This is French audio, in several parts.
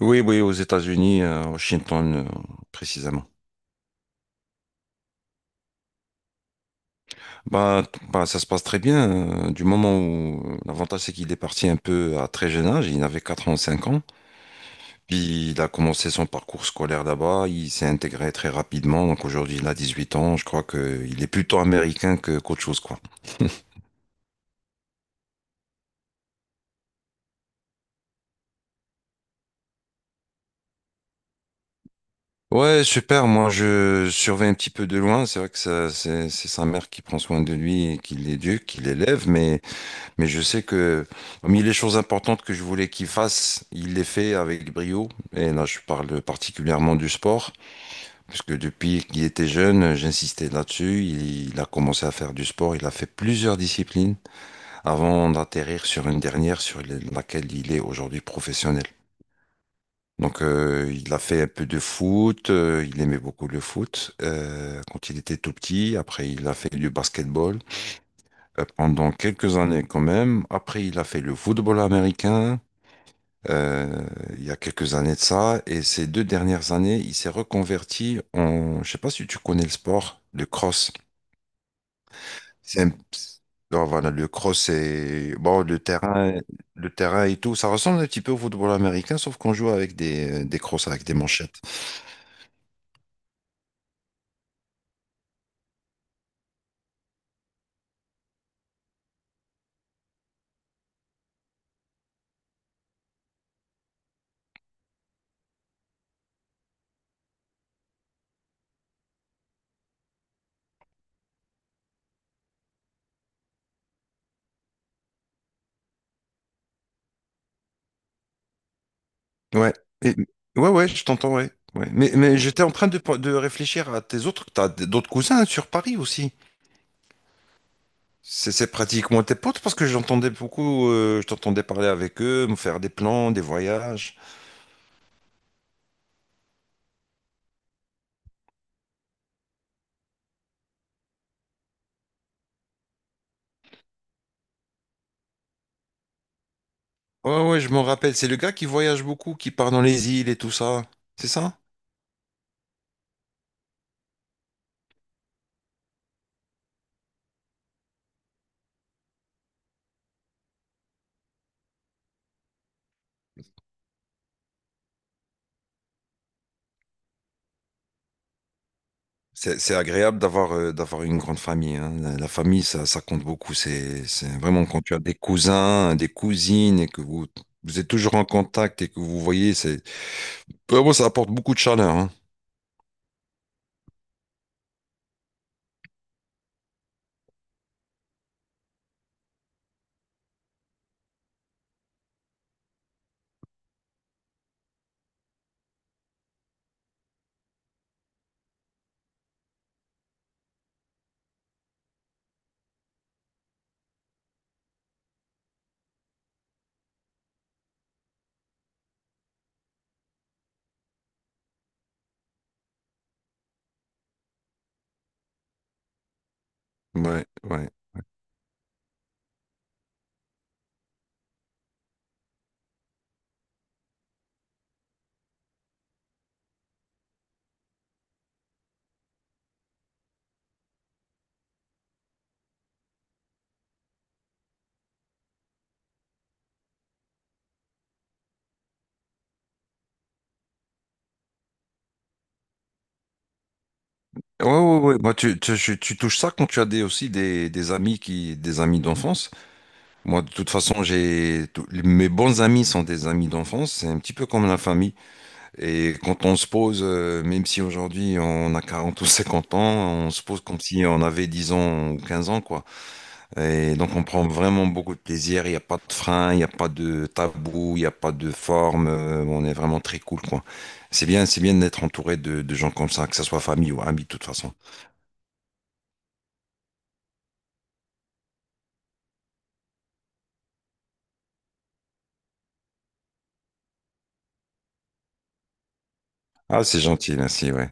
Oui, oui, aux États-Unis, à Washington, précisément. Bah, ça se passe très bien. Du moment où l'avantage, c'est qu'il est parti un peu à très jeune âge. Il avait 4 ans, 5 ans. Puis il a commencé son parcours scolaire là-bas. Il s'est intégré très rapidement. Donc aujourd'hui, il a 18 ans. Je crois qu'il est plutôt américain que qu'autre chose, quoi. Ouais, super. Moi, je surveille un petit peu de loin. C'est vrai que c'est sa mère qui prend soin de lui et qui l'éduque, qui l'élève, mais mais je sais que parmi les choses importantes que je voulais qu'il fasse, il les fait avec brio. Et là, je parle particulièrement du sport, puisque depuis qu'il était jeune, j'insistais là-dessus. Il a commencé à faire du sport. Il a fait plusieurs disciplines avant d'atterrir sur une dernière sur laquelle il est aujourd'hui professionnel. Donc, il a fait un peu de foot. Il aimait beaucoup le foot quand il était tout petit. Après, il a fait du basketball pendant quelques années quand même. Après, il a fait le football américain euh, il y a quelques années de ça. Et ces deux dernières années, il s'est reconverti en, je sais pas si tu connais le sport, le cross. C'est un- non, voilà, le cross c'est bon, le terrain et tout. Ça ressemble un petit peu au football américain, sauf qu'on joue avec des crosses, avec des manchettes. Ouais. Et- Ouais, ouais, je t'entends, ouais. Ouais. Mais j'étais en train de réfléchir à tes autres. T'as d'autres cousins sur Paris aussi. C'est pratiquement tes potes parce que j'entendais beaucoup, je t'entendais parler avec eux, me faire des plans, des voyages. Ouais, ouais, je m'en rappelle. C'est le gars qui voyage beaucoup, qui part dans les îles et tout ça. C'est ça? C'est agréable d'avoir d'avoir une grande famille, hein. La famille, ça compte beaucoup. C'est vraiment quand tu as des cousins, des cousines et que vous, vous êtes toujours en contact et que vous voyez, c'est Ouais, moi, ça apporte beaucoup de chaleur, hein. Ouais, ouais. Ouais, ouais, ouais. Bah, tu touches ça quand tu as des, aussi des amis qui, des amis d'enfance. Moi, de toute façon, j'ai, mes bons amis sont des amis d'enfance. C'est un petit peu comme la famille. Et quand on se pose, même si aujourd'hui on a 40 ou 50 ans, on se pose comme si on avait 10 ans ou 15 ans, quoi. Et donc on prend vraiment beaucoup de plaisir, il n'y a pas de frein, il n'y a pas de tabou, il n'y a pas de forme, on est vraiment très cool, quoi. C'est bien d'être entouré de gens comme ça, que ce soit famille ou amis, de toute façon. Ah, c'est gentil, merci, ouais.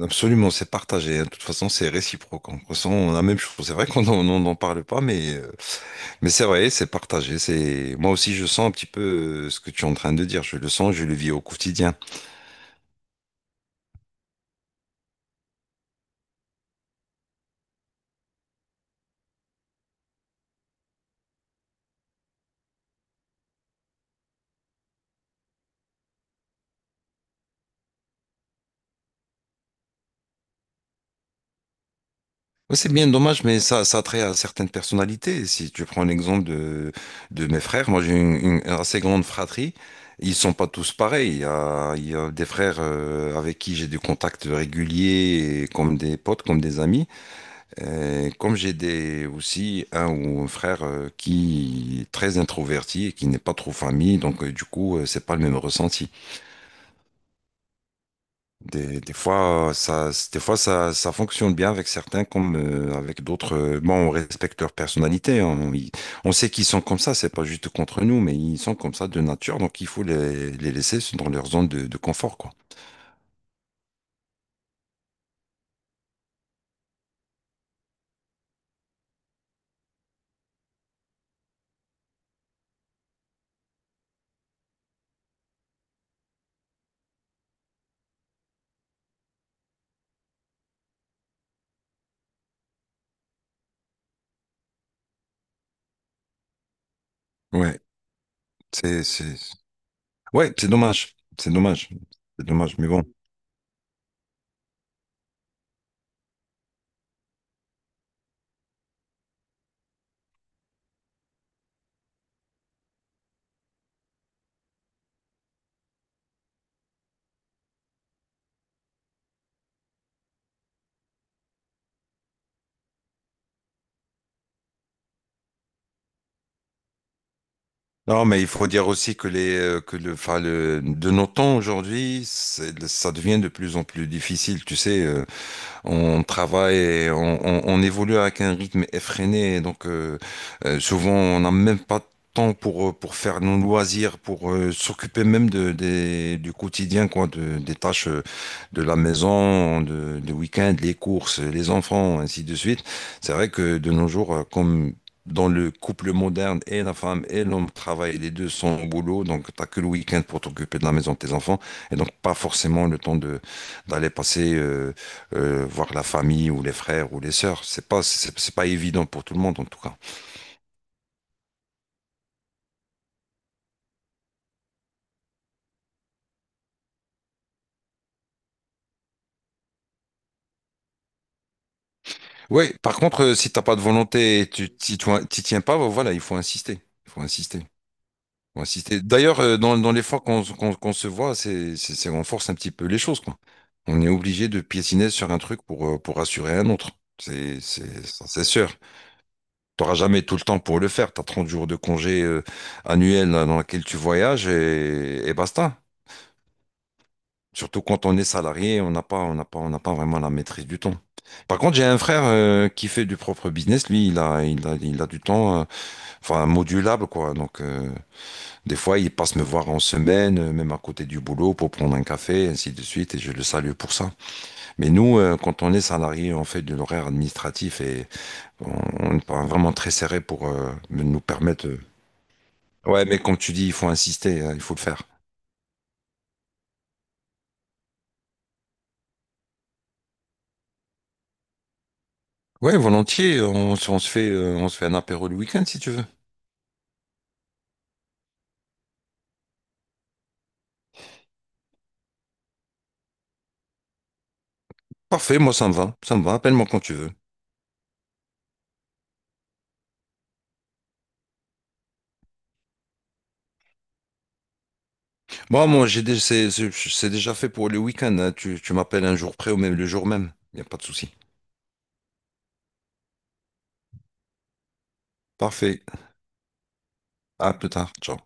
Absolument, c'est partagé, hein. De toute façon, c'est réciproque. On ressent la même chose. C'est vrai qu'on n'en parle pas, mais mais c'est vrai, c'est partagé. C'est moi aussi, je sens un petit peu ce que tu es en train de dire. Je le sens, je le vis au quotidien. Ouais, c'est bien dommage, mais ça a trait à certaines personnalités. Si tu prends l'exemple de mes frères, moi j'ai une assez grande fratrie. Ils sont pas tous pareils. Il y a des frères avec qui j'ai des contacts réguliers, et comme des potes, comme des amis. Comme j'ai des aussi un ou un frère qui est très introverti et qui n'est pas trop famille, donc du coup, c'est pas le même ressenti. Des fois ça fonctionne bien avec certains comme avec d'autres. Bon, on respecte leur personnalité. On sait qu'ils sont comme ça. C'est pas juste contre nous, mais ils sont comme ça de nature. Donc, il faut les laisser dans leur zone de confort, quoi. Ouais, c'est, c'est, ouais, c'est dommage. C'est dommage. C'est dommage, mais bon. Non, mais il faut dire aussi que les, que le, enfin, le, de nos temps aujourd'hui, ça devient de plus en plus difficile. Tu sais, on travaille, on évolue avec un rythme effréné. Donc, souvent, on n'a même pas de temps pour faire nos loisirs, pour s'occuper même du quotidien, quoi, des tâches de la maison, de week-end, les courses, les enfants, ainsi de suite. C'est vrai que de nos jours, comme dans le couple moderne, et la femme et l'homme travaillent, les deux sont au boulot, donc t'as que le week-end pour t'occuper de la maison de tes enfants, et donc pas forcément le temps de d'aller passer voir la famille ou les frères ou les sœurs. C'est pas évident pour tout le monde en tout cas. Oui, par contre, si t'as pas de volonté et tu t'y tiens pas, bah, voilà, il faut insister. Il faut insister. Il faut insister. D'ailleurs, dans les fois qu'on se voit, on force un petit peu les choses, quoi. On est obligé de piétiner sur un truc pour assurer un autre. Ça, c'est sûr. T'auras jamais tout le temps pour le faire. T'as 30 jours de congé annuel dans lequel tu voyages et basta. Surtout quand on est salarié, on n'a pas vraiment la maîtrise du temps. Par contre, j'ai un frère qui fait du propre business. Lui, il a du temps, enfin modulable quoi. Donc, des fois, il passe me voir en semaine, même à côté du boulot, pour prendre un café, ainsi de suite. Et je le salue pour ça. Mais nous, quand on est salarié, on fait de l'horaire administratif et on, on est pas vraiment très serré pour nous permettre. Ouais, mais comme tu dis, il faut insister, il faut le faire. Ouais, volontiers. On se fait, on se fait un apéro le week-end si tu veux. Parfait, moi ça me va, appelle-moi quand tu veux. Moi, c'est déjà fait pour le week-end, hein. Tu m'appelles un jour près ou même le jour même, il n'y a pas de souci. Parfait, à plus tard, ciao.